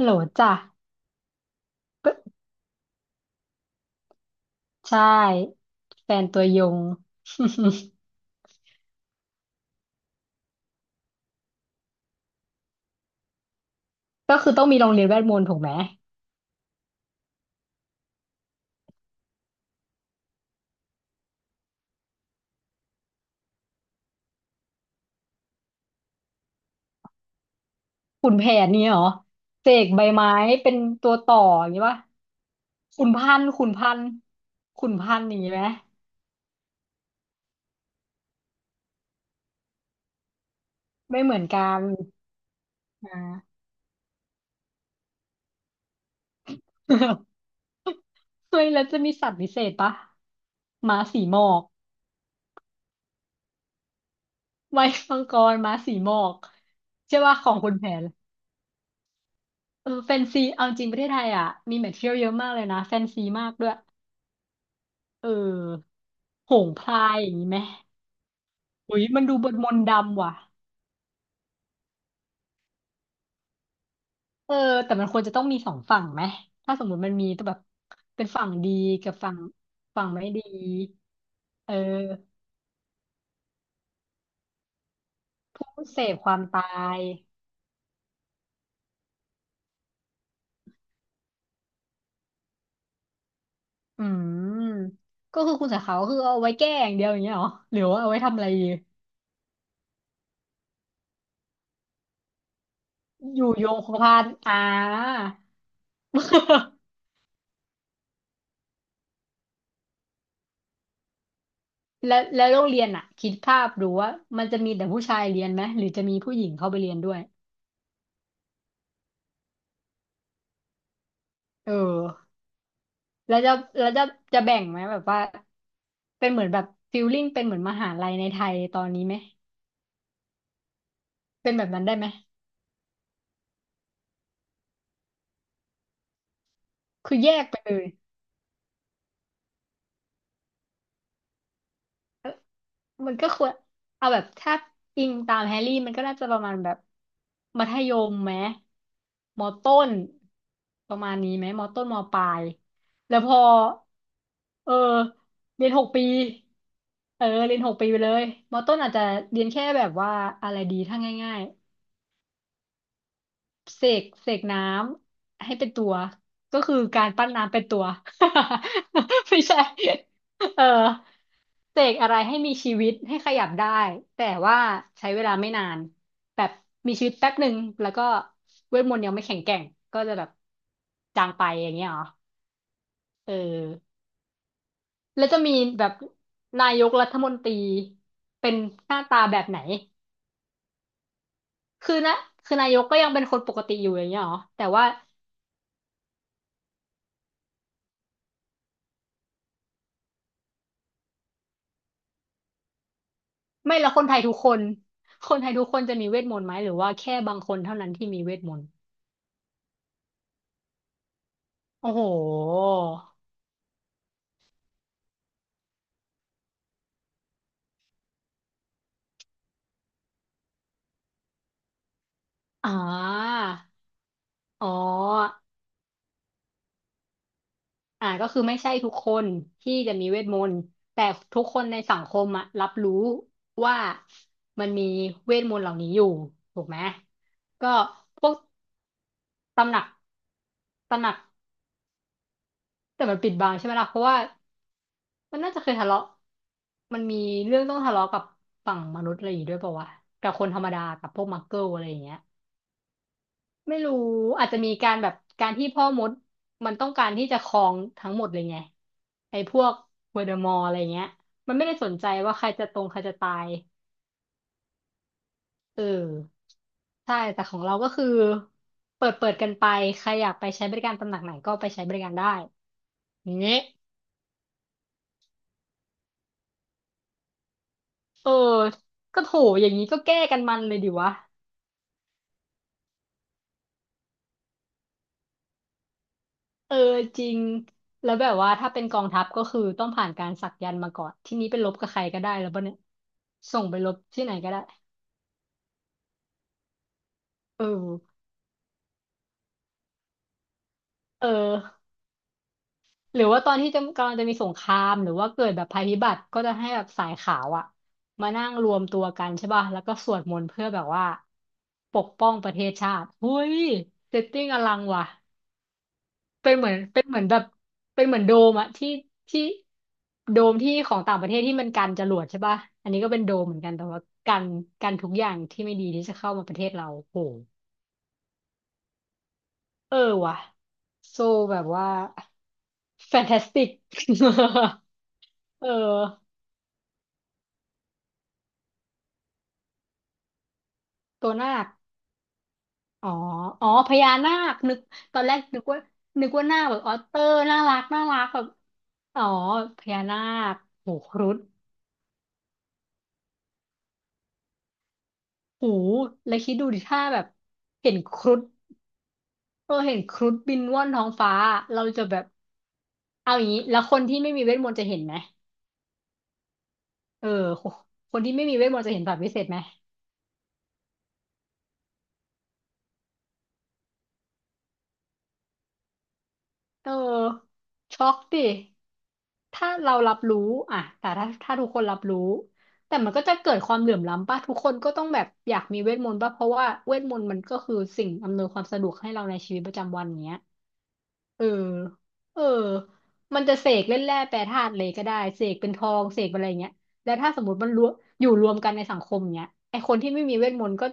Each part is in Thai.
โหลจ้ะก็ใช่แฟนตัวยง ก็คือต้องมีโรงเรียนเวทมนต์ถูกไหมขุนแผนเนี่ยเหรอเสกใบไม้เป็นตัวต่ออย่างนี้ป่ะขุนพันธุ์ขุนพันธุ์ขุนพันธุ์อย่างนี้ไหมไม่เหมือนกันอ่า เฮ้ยแล้วจะมีสัตว์พิเศษปะม้าสีหมอก ไว้มังกรม้าสีหมอกใช่ป่ะของขุนแผนเออแฟนซี เอาจริงประเทศไทยอ่ะมีแมทเทียลเยอะมากเลยนะแฟนซีมากด้วย เออโหงพลายอย่างนี้ไหม อุ้ยมันดูบนมนต์ดำว่ะเออแต่มันควรจะต้องมีสองฝั่งไหม ถ้าสมมุติมันมีตัวแบบเป็นฝั่งดีกับฝั่งไม่ดี เออผู้เสพความตายอืม ก็คือคุณสาขาก็คือเอาไว้แก้อย่างเดียวอย่างเงี้ยเหรอหรือว่าเอาไว้ทำอะไรดีอยู่โยงคงกระพันอ่า แล้วโรงเรียนอ่ะ คิดภาพดูว่ามันจะมีแต่ผู้ชายเรียนไหมหรือจะมีผู้หญิงเข้าไปเรียนด้วยเออ แล้วจะแล้วจะแบ่งไหมแบบว่าเป็นเหมือนแบบฟิลลิ่งเป็นเหมือนมหาลัยในไทยตอนนี้ไหมเป็นแบบนั้นได้ไหมคือแยกไปเลยเอ้อมันก็ควรเอาแบบถ้าอิงตามแฮร์รี่มันก็น่าจะประมาณแบบมัธยมไหมมอต้นประมาณนี้ไหมมอต้นมอปลายแล้วพอเออเรียนหกปีเออเรียนหกปีไปเลยมอต้นอาจจะเรียนแค่แบบว่าอะไรดีถ้าง่ายๆ เสกน้ำให้เป็นตัวก็คือการปั้นน้ำเป็นตัว ไม่ใช่เออเสกอะไรให้มีชีวิตให้ขยับได้แต่ว่าใช้เวลาไม่นานแบบมีชีวิตแป๊บหนึ่งแล้วก็เวทมนต์ยังไม่แข็งแกร่งก็จะแบบจางไปอย่างเงี้ยเหรอเออแล้วจะมีแบบนายกรัฐมนตรีเป็นหน้าตาแบบไหนคือนะคือนายกก็ยังเป็นคนปกติอยู่อย่างเงี้ยเหรอแต่ว่า ไม่แล้วคนไทยทุกคน คนไทยทุกคนจะมีเวทมนต์ไหมหรือว่าแค่บางคนเท่านั้นที่มีเวทมนต์โอ้โหอ่าอ๋ออ่าก็คือไม่ใช่ทุกคนที่จะมีเวทมนต์แต่ทุกคนในสังคมอะรับรู้ว่ามันมีเวทมนต์เหล่านี้อยู่ถูกไหมก็พวกตำหนักตำหนักแต่มันปิดบังใช่ไหมล่ะเพราะว่า มันน่าจะเคยทะเลาะมันมีเรื่องต้องทะเลาะกับฝั่งมนุษย์อะไรอย่างงี้ด้วยป่าวะกับคนธรรมดากับพวกมักเกิลอะไรอย่างเงี้ยไม่รู้อาจจะมีการแบบการที่พ่อมดมันต้องการที่จะครองทั้งหมดเลยไงไอ้พวกเวอร์เดอมอร์อะไรเงี้ยมันไม่ได้สนใจว่าใครจะตรงใครจะตายเออใช่แต่ของเราก็คือเปิดกันไปใครอยากไปใช้บริการตำหนักไหนก็ไปใช้บริการได้อย่างเงี้ยเออก็โถอย่างนี้ก็แก้กันมันเลยดิวะ เออจริงแล้วแบบว่าถ้าเป็นกองทัพก็คือต้องผ่านการสักยันต์มาก่อนที่นี้ไปรบกับใครก็ได้แล้วป่ะเนี่ยส่งไปรบที่ไหนก็ได้เออเออหรือว่าตอนที่จะกำลังจะมีสงครามหรือว่าเกิดแบบภัยพิบัติก็จะให้แบบสายขาวอะมานั่งรวมตัวกันใช่ป่ะแล้วก็สวดมนต์เพื่อแบบว่าปกป้องประเทศชาติเฮ้ยเซตติ้งอลังว่ะ เป็นเหมือนแบบเป็นเหมือนโดมอะที่โดมที่ของต่างประเทศที่มันกันจรวดใช่ป่ะอันนี้ก็เป็นโดมเหมือนกันแต่ว่ากันกันทุกอย่างที่ไม่ดีที่จะเข้ามาประเทศเราโหเออว่ะโซแบบว่าแฟนตาสติก เออตัวนาคอ๋ออ๋อพญานาคนึกตอนแรกนึกว่าหน้าคแบบออเตอร์น่ารักน่ารักแบบอ๋อพญานาคโหครุฑหูแล้วคิดดูดิถ้าแบบเห็นครุฑ เราเห็นครุฑบินว่อนท้องฟ้าเราจะแบบเอาอย่างนี้แล้วคนที่ไม่มีเวทมนต์จะเห็นไหมเออคนที่ไม่มีเวทมนต์จะเห็นสัตว์วิเศษไหมเออช็อกดิถ้าเรารับรู้อ่ะแต่ถ้าทุกคนรับรู้แต่มันก็จะเกิดความเหลื่อมล้ำป่ะทุกคนก็ต้องแบบอยากมีเวทมนต์ป่ะเพราะว่าเวทมนต์มันก็คือสิ่งอำนวยความสะดวกให้เราในชีวิตประจำวันเนี้ย เออเออมันจะเสกเล่นแร่แปรธาตุเลยก็ได้เสกเป็นทองเสกเป็นอะไรเงี้ยแล้วถ้าสมมติมันรวมอยู่รวมกันในสังคมเงี้ยไอคนที่ไม่มีเวทมนต์ก็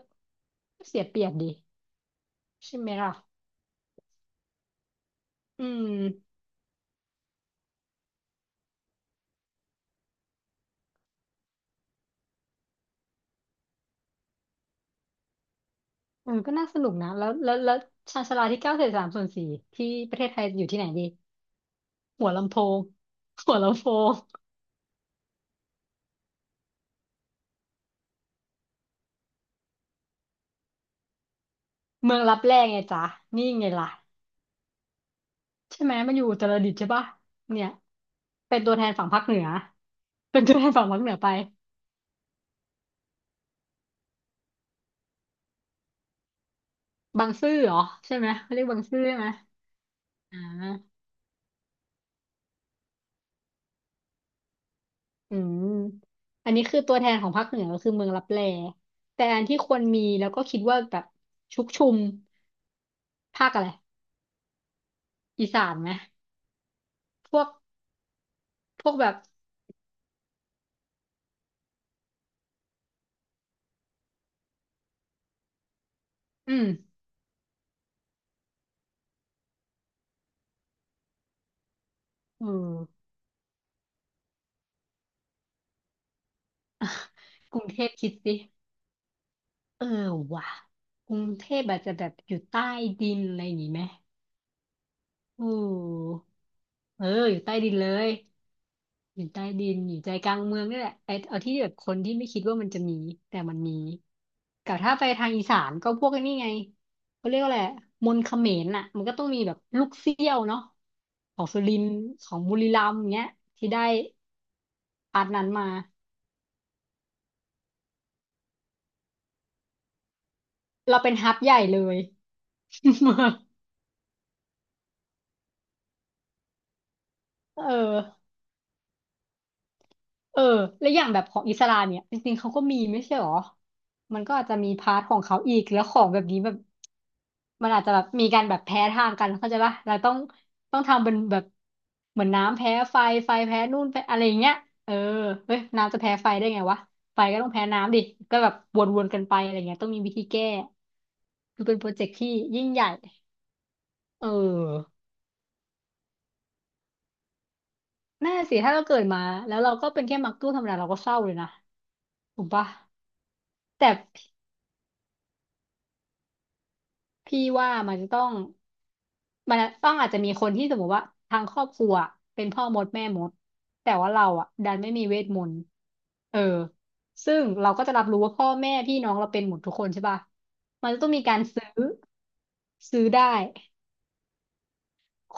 เสียเปรียบดีใช่ไหมล่ะอืมเออก็น่าสนุกนะแล้วชาญชาลาที่เก้าเศษสามส่วนสี่ที่ประเทศไทยอยู่ที่ไหนดีหัวลำโพง หัวลำโพงเมืองลับแลไงจ๊ะนี่ไงล่ะใช่ไหมมันอยู่อุตรดิตถ์ใช่ปะเนี่ยเป็นตัวแทนฝั่งภาคเหนือเป็นตัวแทนฝั่งภาคเหนือไป บางซื่อเหรอใช่ไหมเขาเรียกบางซื่อใช่ไหมอ่าอืมอันนี้คือตัวแทนของภาคเหนือก็คือเมืองลับแลแต่อันที่ควรมีแล้วก็คิดว่าแบบชุกชุมภาคอะไรอีสานไหมพวกพวกแบบอืมเออ กรุงเทพคิดสิเออว่ะกรุงเทพอาจจะแบบอยู่ใต้ดินอะไรอย่างงี้ไหมเออเอออยู่ใต้ดินเลย อยู่ใต้ดินอยู่ใจกลางเมืองนี่แหละไอ้เอาที่แบบคนที่ไม่คิดว่ามันจะมีแต่มันมีกับถ้าไปทางอีสานก็พวกไอ้นี่ไงเขาเรียกว่าอะไรมนต์เขมรน่ะมันก็ต้องมีแบบลูกเสี้ยวเนาะของสุรินทร์ของบุรีรัมย์อย่างเงี้ยที่ได้อาร์ทนั้นมาเราเป็นฮับใหญ่เลย เออ เออและอย่างแบบของอิสลามเนี่ยจริงๆเขาก็มีไม่ใช่หรอมันก็อาจจะมีพาร์ทของเขาอีกแล้วของแบบนี้แบบมันอาจจะแบบมีการแบบแพ้ทางกันเข้าใจปะเราต้องต้องทำเป็นแบบเหมือนน้ำแพ้ไฟไฟแพ้นู่นแพ้อะไรอย่างเงี้ยเออเฮ้ยน้ำจะแพ้ไฟได้ไงวะไฟก็ต้องแพ้น้ำดิก็แบบวนๆกันไปอะไรเงี้ยต้องมีวิธีแก้คือเป็นโปรเจกต์ที่ยิ่งใหญ่เออน่าสิถ้าเราเกิดมาแล้วเราก็เป็นแค่มักตู้ธรรมดาเราก็เศร้าเลยนะถูกปะแต่ พี่ว่ามันจะต้องมันต้องอาจจะมีคนที่สมมติว่าทางครอบครัวเป็นพ่อมดแม่มดแต่ว่าเราอ่ะดันไม่มีเวทมนต์เออซึ่งเราก็จะรับรู้ว่าพ่อแม่พี่น้องเราเป็นหมดทุกคนใช่ป่ะมันจะต้องมีการซื้อซื้อได้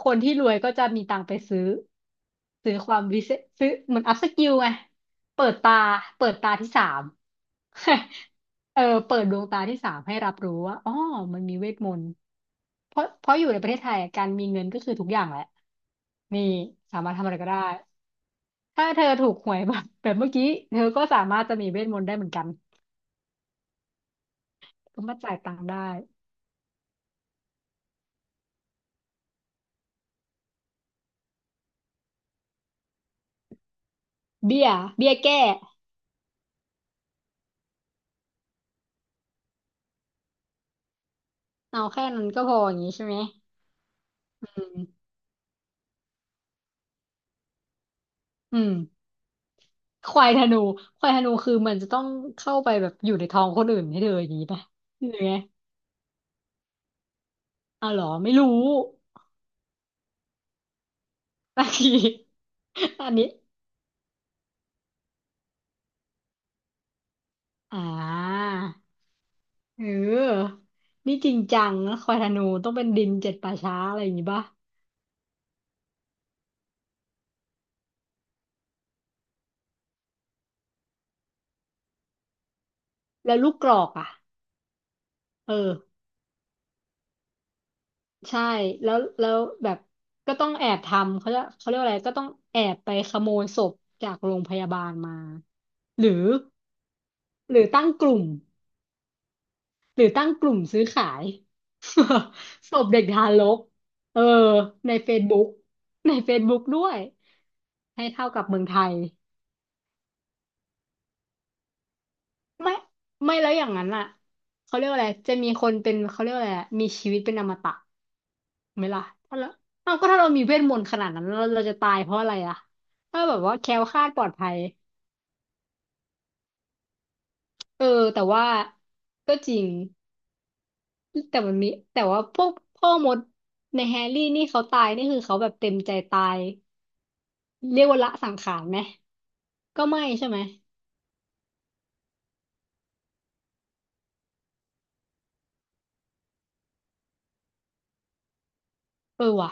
คนที่รวยก็จะมีตังค์ไปซื้อซื้อความวิเศษซื้อเหมือนอัพสกิลไงเปิดตาเปิดตาที่สาม เออเปิดดวงตาที่สามให้รับรู้ว่าอ๋อมันมีเวทมนต์เพราะอยู่ในประเทศไทยอะการมีเงินก็คือทุกอย่างแหละนี่สามารถทำอะไรก็ได้ถ้าเธอถูกหวยแบบเมื่อกี้เธอก็สามารถจะมีเวทมนต์ได้เหมือนกันก็มาจ่ายตังค์ได้เบี้ยเบี้ยแก้เอาแค่นั้นก็พออย่างนี้ใช่ไหมอืมอืม ควายธนูควายธนูคือมันจะต้องเข้าไปแบบอยู่ในท้องคนอื่นให้เธออย่างนี้ป่ะหรือไงอ้าวเหรอไม่รู้ บางทีอันนี้อ่าเออนี่จริงจังนะควายธนูต้องเป็นดินเจ็ดป่าช้าอะไรอย่างนี้ป่ะแล้วลูกกรอกอ่ะเออใช่แล้วแล้วแบบก็ต้องแอบทำเขาจะเขาเรียกว่าอะไรก็ต้องแอบไปขโมยศพจากโรงพยาบาลมาหรือ หรือตั้งกลุ่ม หรือตั้งกลุ่มซื้อขาย ศพเด็กทารกเออใน Facebook ใน Facebook ด้วย ให้เท่ากับเมืองไทยไม่ไม่แล้วอย่างนั้นอ่ะเขาเรียกว่าอะไรจะมีคนเป็นเขาเรียกว่าอะไรอะมีชีวิตเป็นอมตะไหมล่ะถ้าเราเอาก็ถ้าเรามีเวทมนต์ขนาดนั้นเราจะตายเพราะอะไรอ่ะถ้าแบบว่าแคล้วคลาดปลอดภัยเออแต่ว่าก็จริง แต่มันมีแต่ว่าพวกพ่อมดในแฮร์รี่นี่เขาตายนี่คือเขาแบบเต็มใจตาย เรียกว่าละสังขารไหมก็ไม่ใช่ไหมเออว่ะ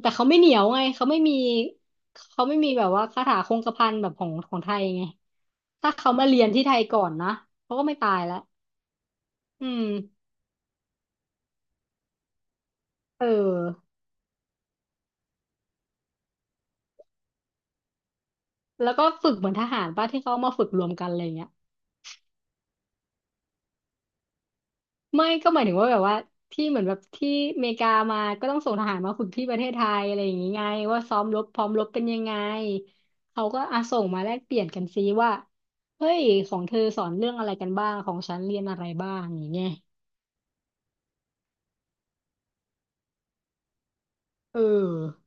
แต่เขาไม่เหนียวไงเขาไม่มีเขาไม่มีแบบว่าคาถาคงกระพันแบบของไทยไงถ้าเขามาเรียนที่ไทยก่อนนะเขาก็ไม่ตายแล้วอืมเออแล้วก็ฝึกเหมือนทหารป่ะที่เขามาฝึกรวมกันอะไรอย่างเงี้ย ไม่ก็หมายถึงว่าแบบว่าที่เหมือนแบบที่อเมริกามาก็ต้องส่งทหารมาฝึกที่ประเทศไทยอะไรอย่างงี้ไงว่าซ้อมรบพร้อมรบเป็นยังไงเขาก็อาส่งมาแลกเปลี่ยนกันซิว่าเฮ้ยของเธอสอนเรื่องอะไรกันบ้างของฉันเรียนอะไรบ้างอย่างเงี้ยเออ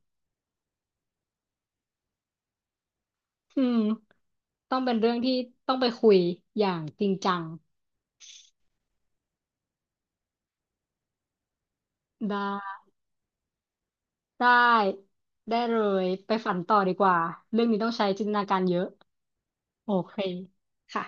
อืมต้องเป็นเรื่องที่ต้องไปคุยอย่างจริงจังได้ได้ได้เลยไปฝันต่อดีกว่าเรื่องนี้ต้องใช้จินตนาการเยอะโอเคค่ะ